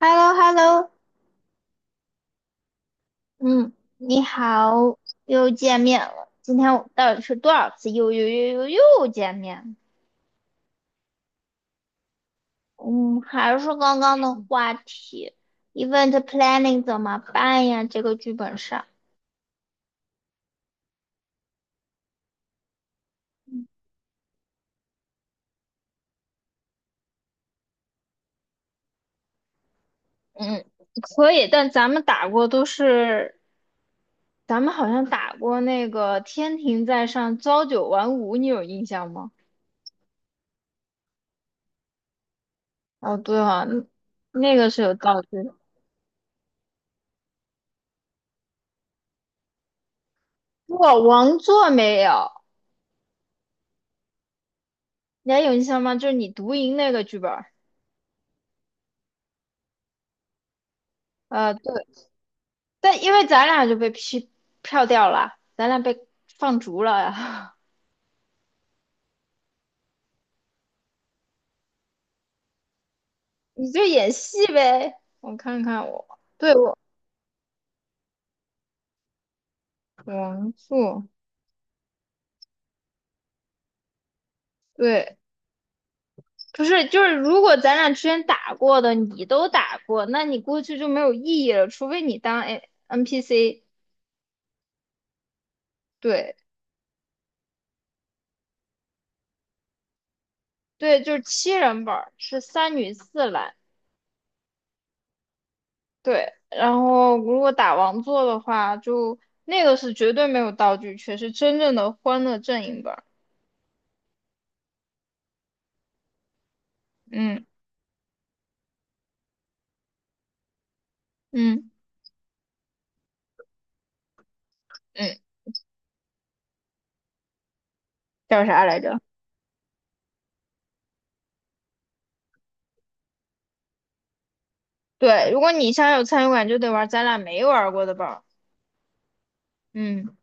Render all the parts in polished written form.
h e l l o h e l l o 嗯，你好，又见面了。今天我们到底是多少次又见面？嗯，还是刚刚的话题，event planning 怎么办呀？这个剧本上，嗯，可以，但咱们打过都是，咱们好像打过那个"天庭在上，朝九晚五"，你有印象吗？哦，对啊，那个是有道具的。我王座没有，你还有印象吗？就是你读赢那个剧本儿，对，但因为咱俩就被批票掉了，咱俩被放逐了呀。你就演戏呗，我看看我，对我王素，对，不是，就是如果咱俩之前打过的你都打过，那你过去就没有意义了，除非你当 A NPC。对对，就是七人本儿，是三女四男。对，然后如果打王座的话，就那个是绝对没有道具缺是真正的欢乐阵营本儿。嗯嗯嗯，叫啥来着？对，如果你想有参与感，就得玩咱俩没玩过的本儿。嗯，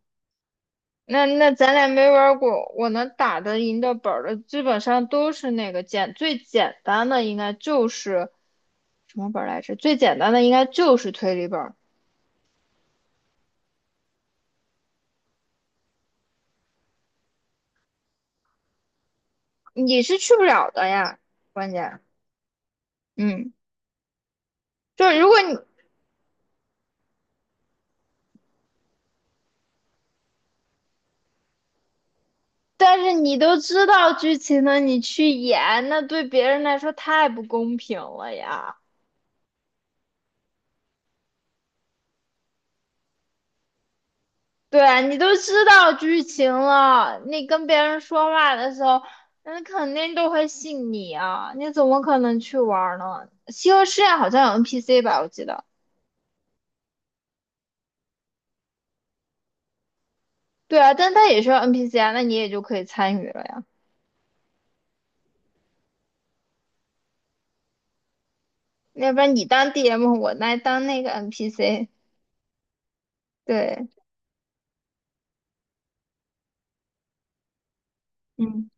那咱俩没玩过，我能打得赢的本儿的，基本上都是那个最简单的，应该就是什么本儿来着？最简单的应该就是推理本儿，你是去不了的呀，关键。嗯，就是如果你但是你都知道剧情了，你去演，那对别人来说太不公平了呀。对啊你都知道剧情了，你跟别人说话的时候，人肯定都会信你啊，你怎么可能去玩儿呢？西河试验好像有 NPC 吧，我记得。对啊，但它也是 NPC 啊，那你也就可以参与了呀。要不然你当 DM，我来当那个 NPC。对，嗯，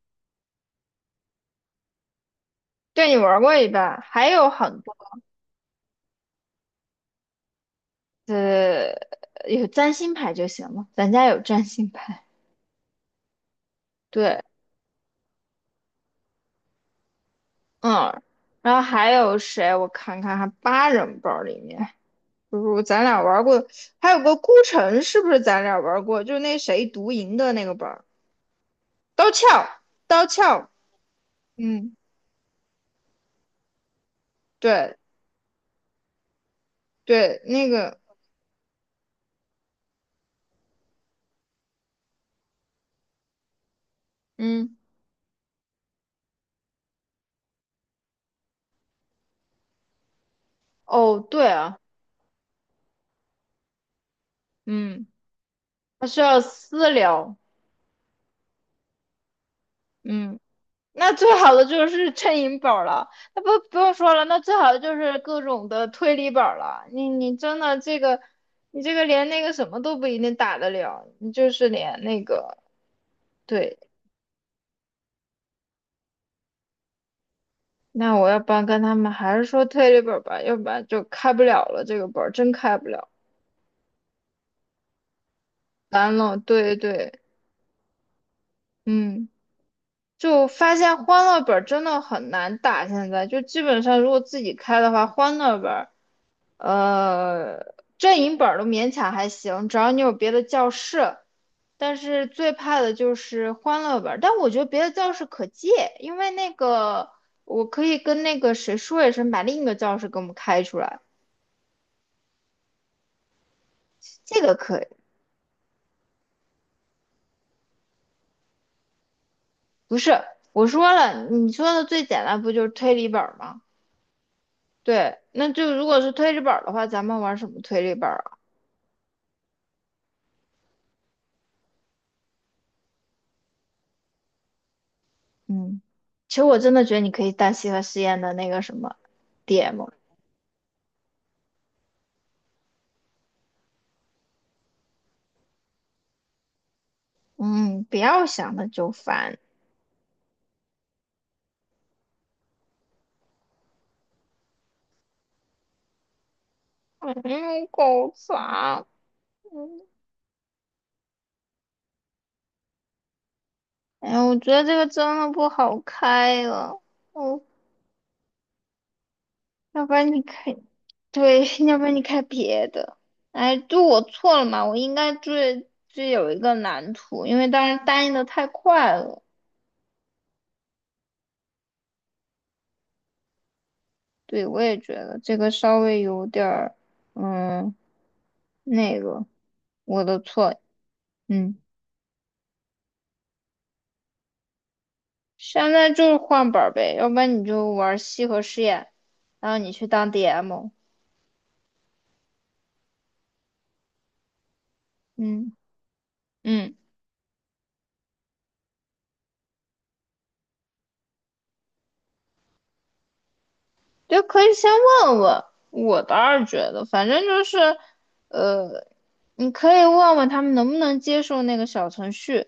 对你玩过一半，还有很多。呃，有占星牌就行了，咱家有占星牌。对，嗯，然后还有谁？我看看啊，还八人包里面，不如咱俩玩过，还有个孤城，是不是咱俩玩过？就那谁独赢的那个本儿刀鞘，刀鞘，嗯，对对，那个，嗯，哦，对啊，嗯，他需要私聊，嗯。那最好的就是衬银本儿了，那不用说了，那最好的就是各种的推理本儿了。你真的这个，你这个连那个什么都不一定打得了，你就是连那个对。那我要不然跟他们还是说推理本儿吧，要不然就开不了了，这个本儿真开不了，完了，对对，嗯。就发现欢乐本儿真的很难打，现在就基本上如果自己开的话，欢乐本儿，阵营本儿都勉强还行，只要你有别的教室。但是最怕的就是欢乐本儿，但我觉得别的教室可借，因为那个我可以跟那个谁说一声，把另一个教室给我们开出来，这个可以。不是，我说了，你说的最简单不就是推理本儿吗？对，那就如果是推理本儿的话，咱们玩什么推理本儿啊？嗯，其实我真的觉得你可以当西河实验的那个什么 DM，嗯，不要想的就烦，嗯，搞烦。哎呀，我觉得这个真的不好开了，哦，要不然你开，对，要不然你开别的。哎，就我错了嘛，我应该追追有一个蓝图，因为当时答应的太快了。对，我也觉得这个稍微有点儿，嗯，那个，我的错，嗯。现在就是换本儿呗，要不然你就玩西河试验，然后你去当 DM。嗯嗯，就可以先问问。我倒是觉得，反正就是，呃，你可以问问他们能不能接受那个小程序。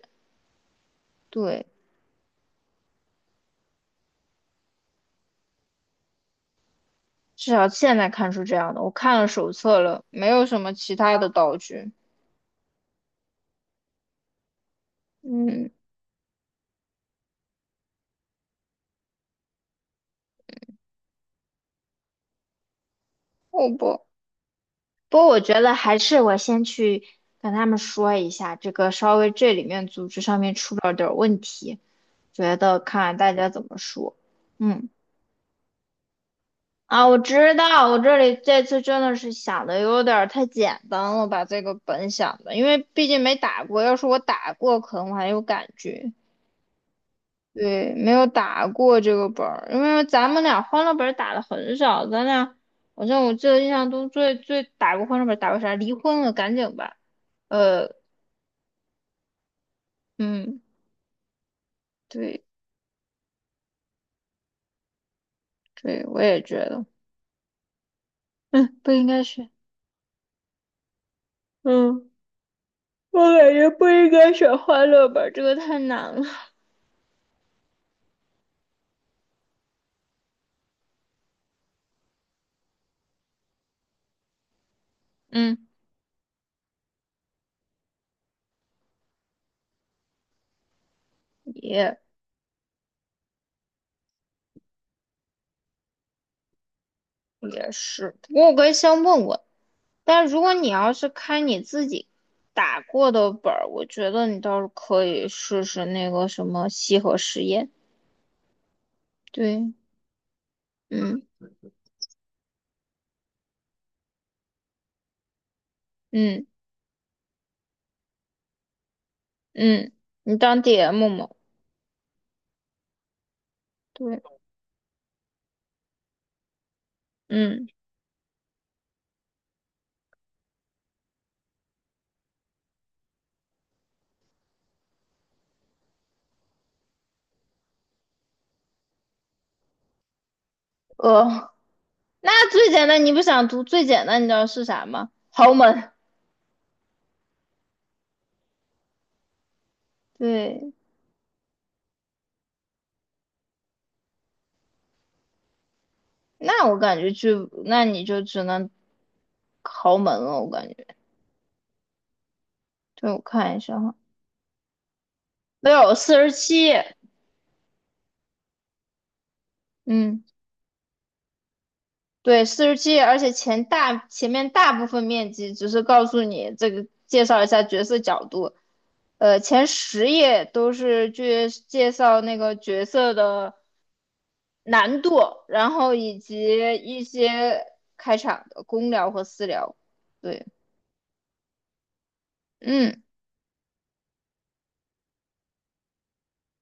对，至少现在看出这样的。我看了手册了，没有什么其他的道具。嗯，好吧。不过我觉得还是我先去跟他们说一下，这个稍微这里面组织上面出了点儿问题，觉得看大家怎么说。嗯，啊，我知道，我这里这次真的是想的有点儿太简单了，把这个本想的，因为毕竟没打过，要是我打过，可能我还有感觉。对，没有打过这个本儿，因为咱们俩欢乐本儿打的很少，咱俩好像我记得印象中最最打过欢乐本儿打过啥？离婚了，赶紧吧。呃，嗯，对对，我也觉得，嗯，不应该选，嗯，我感觉不应该选欢乐吧，这个太难了。嗯，也也是，不过我可以先问问，但如果你要是开你自己打过的本儿，我觉得你倒是可以试试那个什么西河实验。对，嗯嗯嗯，你当 DM 嘛？对，嗯，呃，那最简单，你不想读最简单，你知道是啥吗？豪门。对。那我感觉就，那你就只能豪门了，我感觉。对，我看一下哈，没有四十七，嗯，对，四十七，而且前面大部分面积只是告诉你这个，介绍一下角色角度，前10页都是去介绍那个角色的难度，然后以及一些开场的公聊和私聊。对，嗯，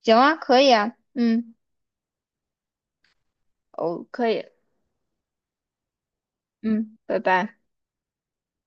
行啊，可以啊，嗯，哦，可以。嗯，拜拜。